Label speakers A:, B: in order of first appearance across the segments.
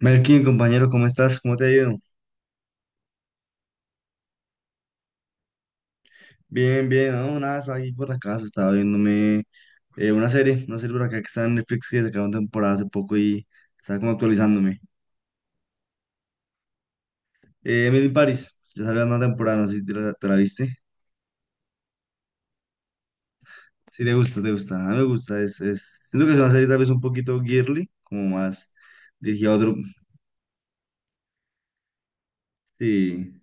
A: Melkin, compañero, ¿cómo estás? ¿Cómo te ha ido? Bien, bien, no, nada, estaba aquí por la casa, estaba viéndome una serie por acá que está en Netflix que sacaron temporada hace poco y estaba como actualizándome. Emily in Paris, ya salió una temporada, no sé si te la viste. Sí, te gusta, a mí me gusta, es, siento que es una serie tal vez un poquito girly, como más dirigida a otro, sí,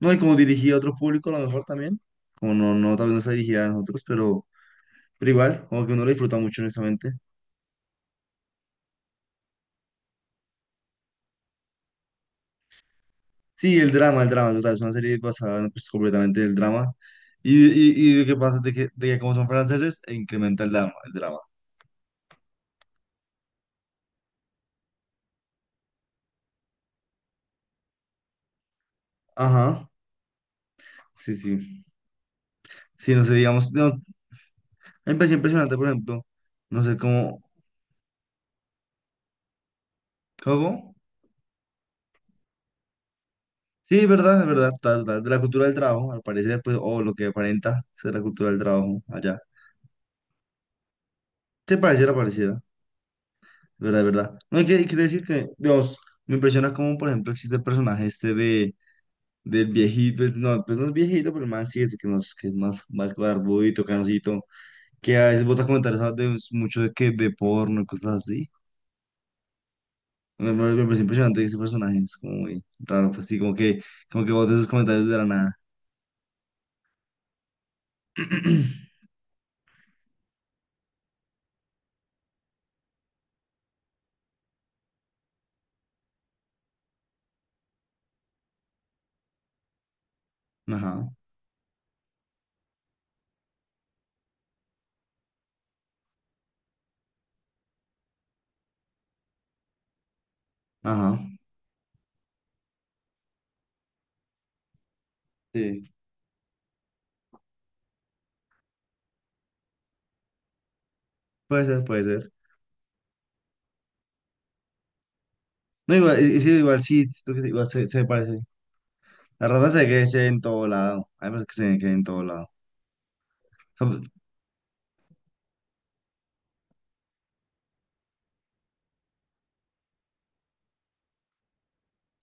A: no, y como dirigida a otro público a lo mejor también, como no, tal vez no está dirigida a nosotros, pero igual, como que uno la disfruta mucho, honestamente. Sí, el drama, total, es una serie basada en, pues, completamente en el drama. Y lo que pasa es de que como son franceses, e incrementa el drama, el drama. Ajá, sí, sí. Sí, no sé, digamos, no, me pareció impresionante, por ejemplo, no sé cómo, ¿cómo? Sí, es verdad, total, total, de la cultura del trabajo, al parecer, pues, o lo que aparenta ser la cultura del trabajo allá. Te pareciera, pareciera, es verdad, es verdad. No hay que, hay que decir que, Dios, me impresiona cómo, por ejemplo, existe el personaje este de del viejito, pues no es viejito, pero el man sí es que, nos, que es más, más barbudito, canosito, que a veces bota comentarios de mucho de, que de porno y cosas así. Me parece impresionante ese personaje, es como muy raro, pues sí, como que bota esos comentarios de la nada. Ajá, ajá, sí, puede ser, puede ser. No, igual, y sí, igual sí, siento que igual se parece. La rata se ve que se ve en todo lado, hay veces que se ve que en todo lado.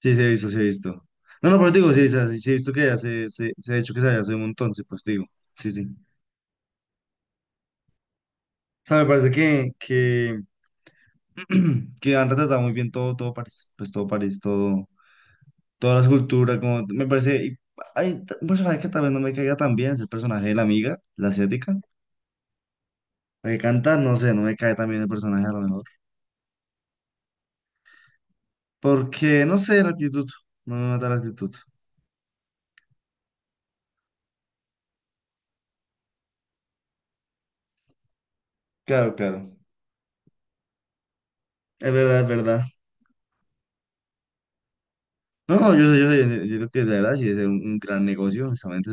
A: Sí, sí, he visto, sí, he visto. No, no, pero te digo, sí, sí, sí, he visto que ya se ha hecho que se haya subido un montón, sí, pues te digo. Sí, sí. O sea, me parece que, que han retratado muy bien todo, todo París, pues todo París, todo, toda la cultura, como, me parece, y hay t- un personaje que tal vez no me caiga tan bien, es el personaje de la amiga, la asiática, la que canta, no sé, no me cae tan bien el personaje a lo mejor, porque, no sé, la actitud, no me mata la actitud. Claro, claro, es verdad, es verdad. No, no, yo creo que la verdad sí es un gran negocio, honestamente,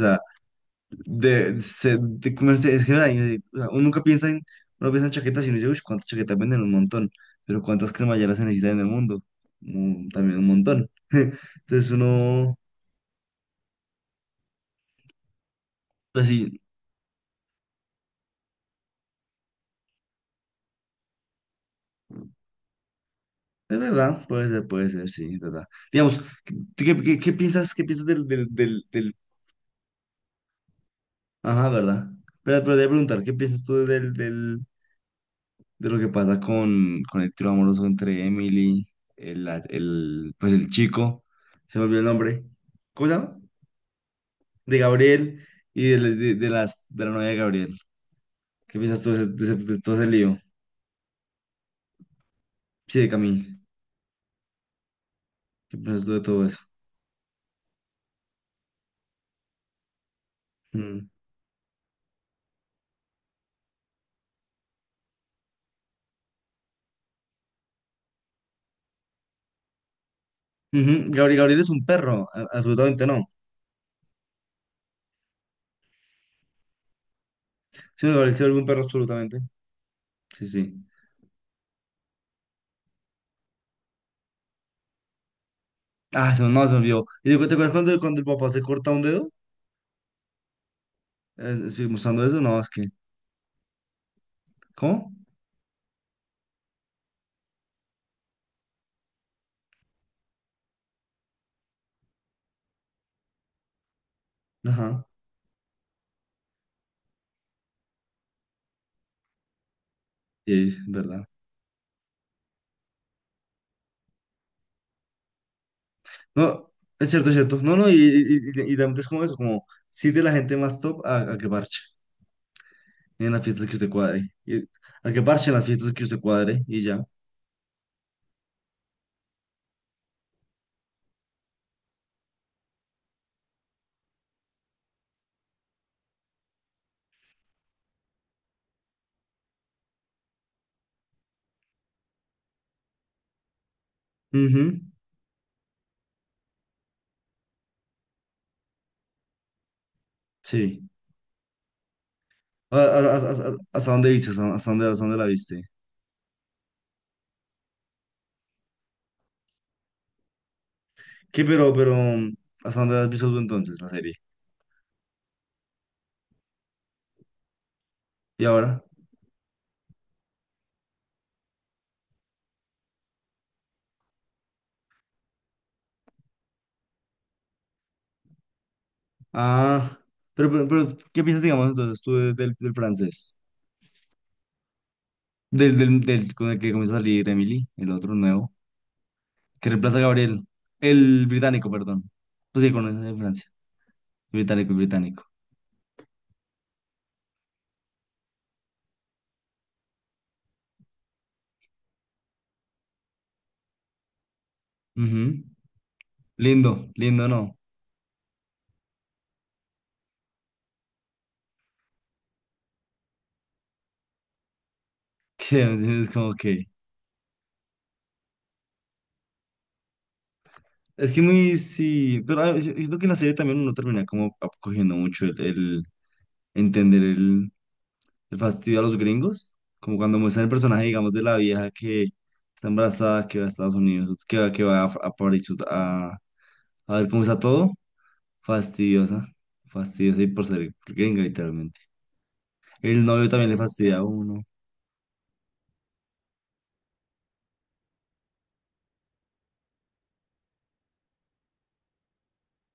A: de, se- de comerse, es que ay, o sea, uno nunca piensa en, uno piensa en chaquetas y uno dice, uff, cuántas chaquetas venden un montón, pero cuántas cremalleras se necesitan en el mundo, Mm, también un montón. Entonces uno, pues sí, es verdad, puede ser, sí, es verdad. Digamos, ¿qué qué piensas del? Ajá, ¿verdad? Pero te voy a preguntar, ¿qué piensas tú del, de lo que pasa con el trío amoroso entre Emily, el, pues el chico, se me olvidó el nombre, ¿cómo se llama? De Gabriel y de de las, de la novia de Gabriel. ¿Qué piensas tú de, de ese de todo ese lío? Sí, de Camille. ¿Qué piensas tú de todo eso? Mm. Ujú, Gabriel, Gabriel es un perro, a- absolutamente no. Sí, Gabriel se vuelve un perro absolutamente. Sí, sí. Ah, se, me- no, se me olvidó. ¿Y te, acuer- te acuerdas cuando, cuando el papá se corta un dedo? Estoy mostrando eso, no, es que. ¿Cómo? Ajá. Y es verdad. No, es cierto, es cierto. No, no, y también es como eso, como sí de la gente más top a que parche. En las fiestas que usted cuadre. Y a que parche en las fiestas que usted cuadre y ya. Ujú, sí. ¿Hasta dónde viste? ¿Hasta hasta dónde la viste? ¿Qué, pero, mm, hasta dónde has visto tú entonces la serie? ¿Y ahora? Ah, pero, ¿qué piensas, digamos, entonces tú de- del francés? Del con el que comienza a salir Emily, el otro nuevo, que reemplaza a Gabriel, el británico, perdón. Pues sí, conoces de Francia, británico, británico. Ujú. Lindo, lindo, ¿no? Que es como que... Es que muy, sí, pero ah, es- siento que en la serie también uno termina como ap- cogiendo mucho el entender el fastidio a los gringos, como cuando muestran el personaje, digamos, de la vieja que está embarazada, que va a Estados Unidos, que va a París a ver cómo está todo, fastidiosa, fastidiosa y por ser gringa, literalmente. El novio también le fastidia a uno.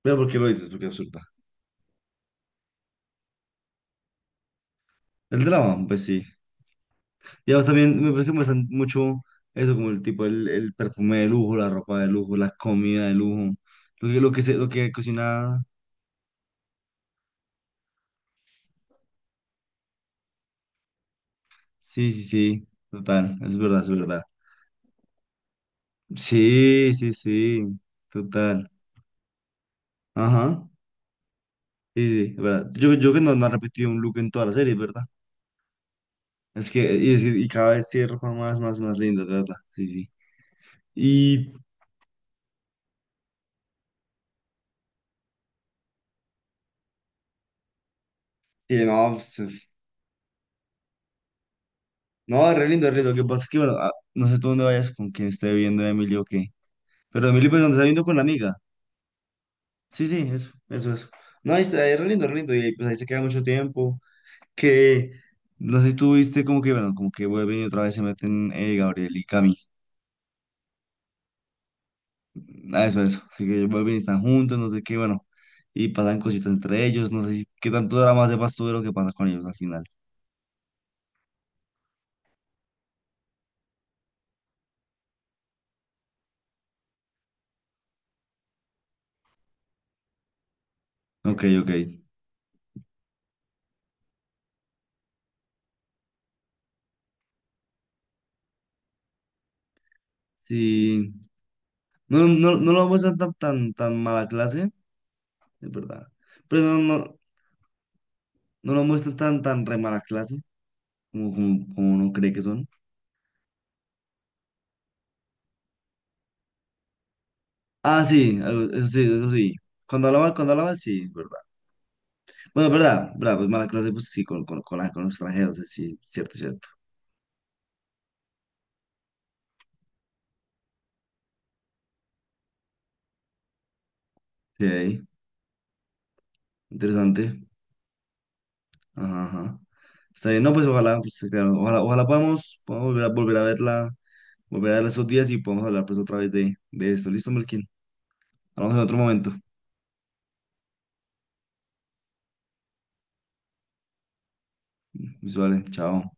A: Pero ¿por qué lo dices? Porque es absurda. El drama, pues sí. Y además también me parece que me mucho eso, como el tipo, el perfume de lujo, la ropa de lujo, la comida de lujo, lo que cocina. Sí, sí, sí, total, es verdad, es verdad. Sí, sí, sí, total. Ajá, sí, sí, es verdad. Yo que no, no ha repetido un look en toda la serie, ¿verdad? Es que, y, es y cada vez tiene ropa más linda, ¿verdad? Sí, sí. Y, y no, pues, uf. No, re lindo, re lindo. Lo que pasa es que, bueno, ah, no sé tú dónde vayas con quien esté viendo Emilio o qué. ¿Pero Emilio, pues, donde está viendo con la amiga? Sí, sí, eso. No, ahí está, es re lindo, y pues ahí se queda mucho tiempo, que no sé si tú viste como que, bueno, como que vuelven y otra vez se meten Gabriel y Cami, ah, eso, así que vuelven y están juntos, no sé qué, bueno, y pasan cositas entre ellos, no sé si, qué tanto drama sepas tú de lo que pasa con ellos al final. Ok, ok, sí, no, no, no lo muestran tan mala clase, es verdad, pero no, no, no lo muestran tan re mala clase, como uno cree que son. Ah, sí, algo- eso sí, eso sí. Cuando habla mal, sí, verdad. Bueno, verdad, verdad, pues mala clase, pues sí, con la- con los extranjeros, sí, cierto, cierto. Ok, interesante. Ajá, ajá. Está bien, no, pues ojalá, pues claro, ojalá, ojalá podamos, podamos volver a, volver a verla esos días y podamos hablar pues otra vez de esto. Listo, Melkin. Hablamos en otro momento. Visuales, chao.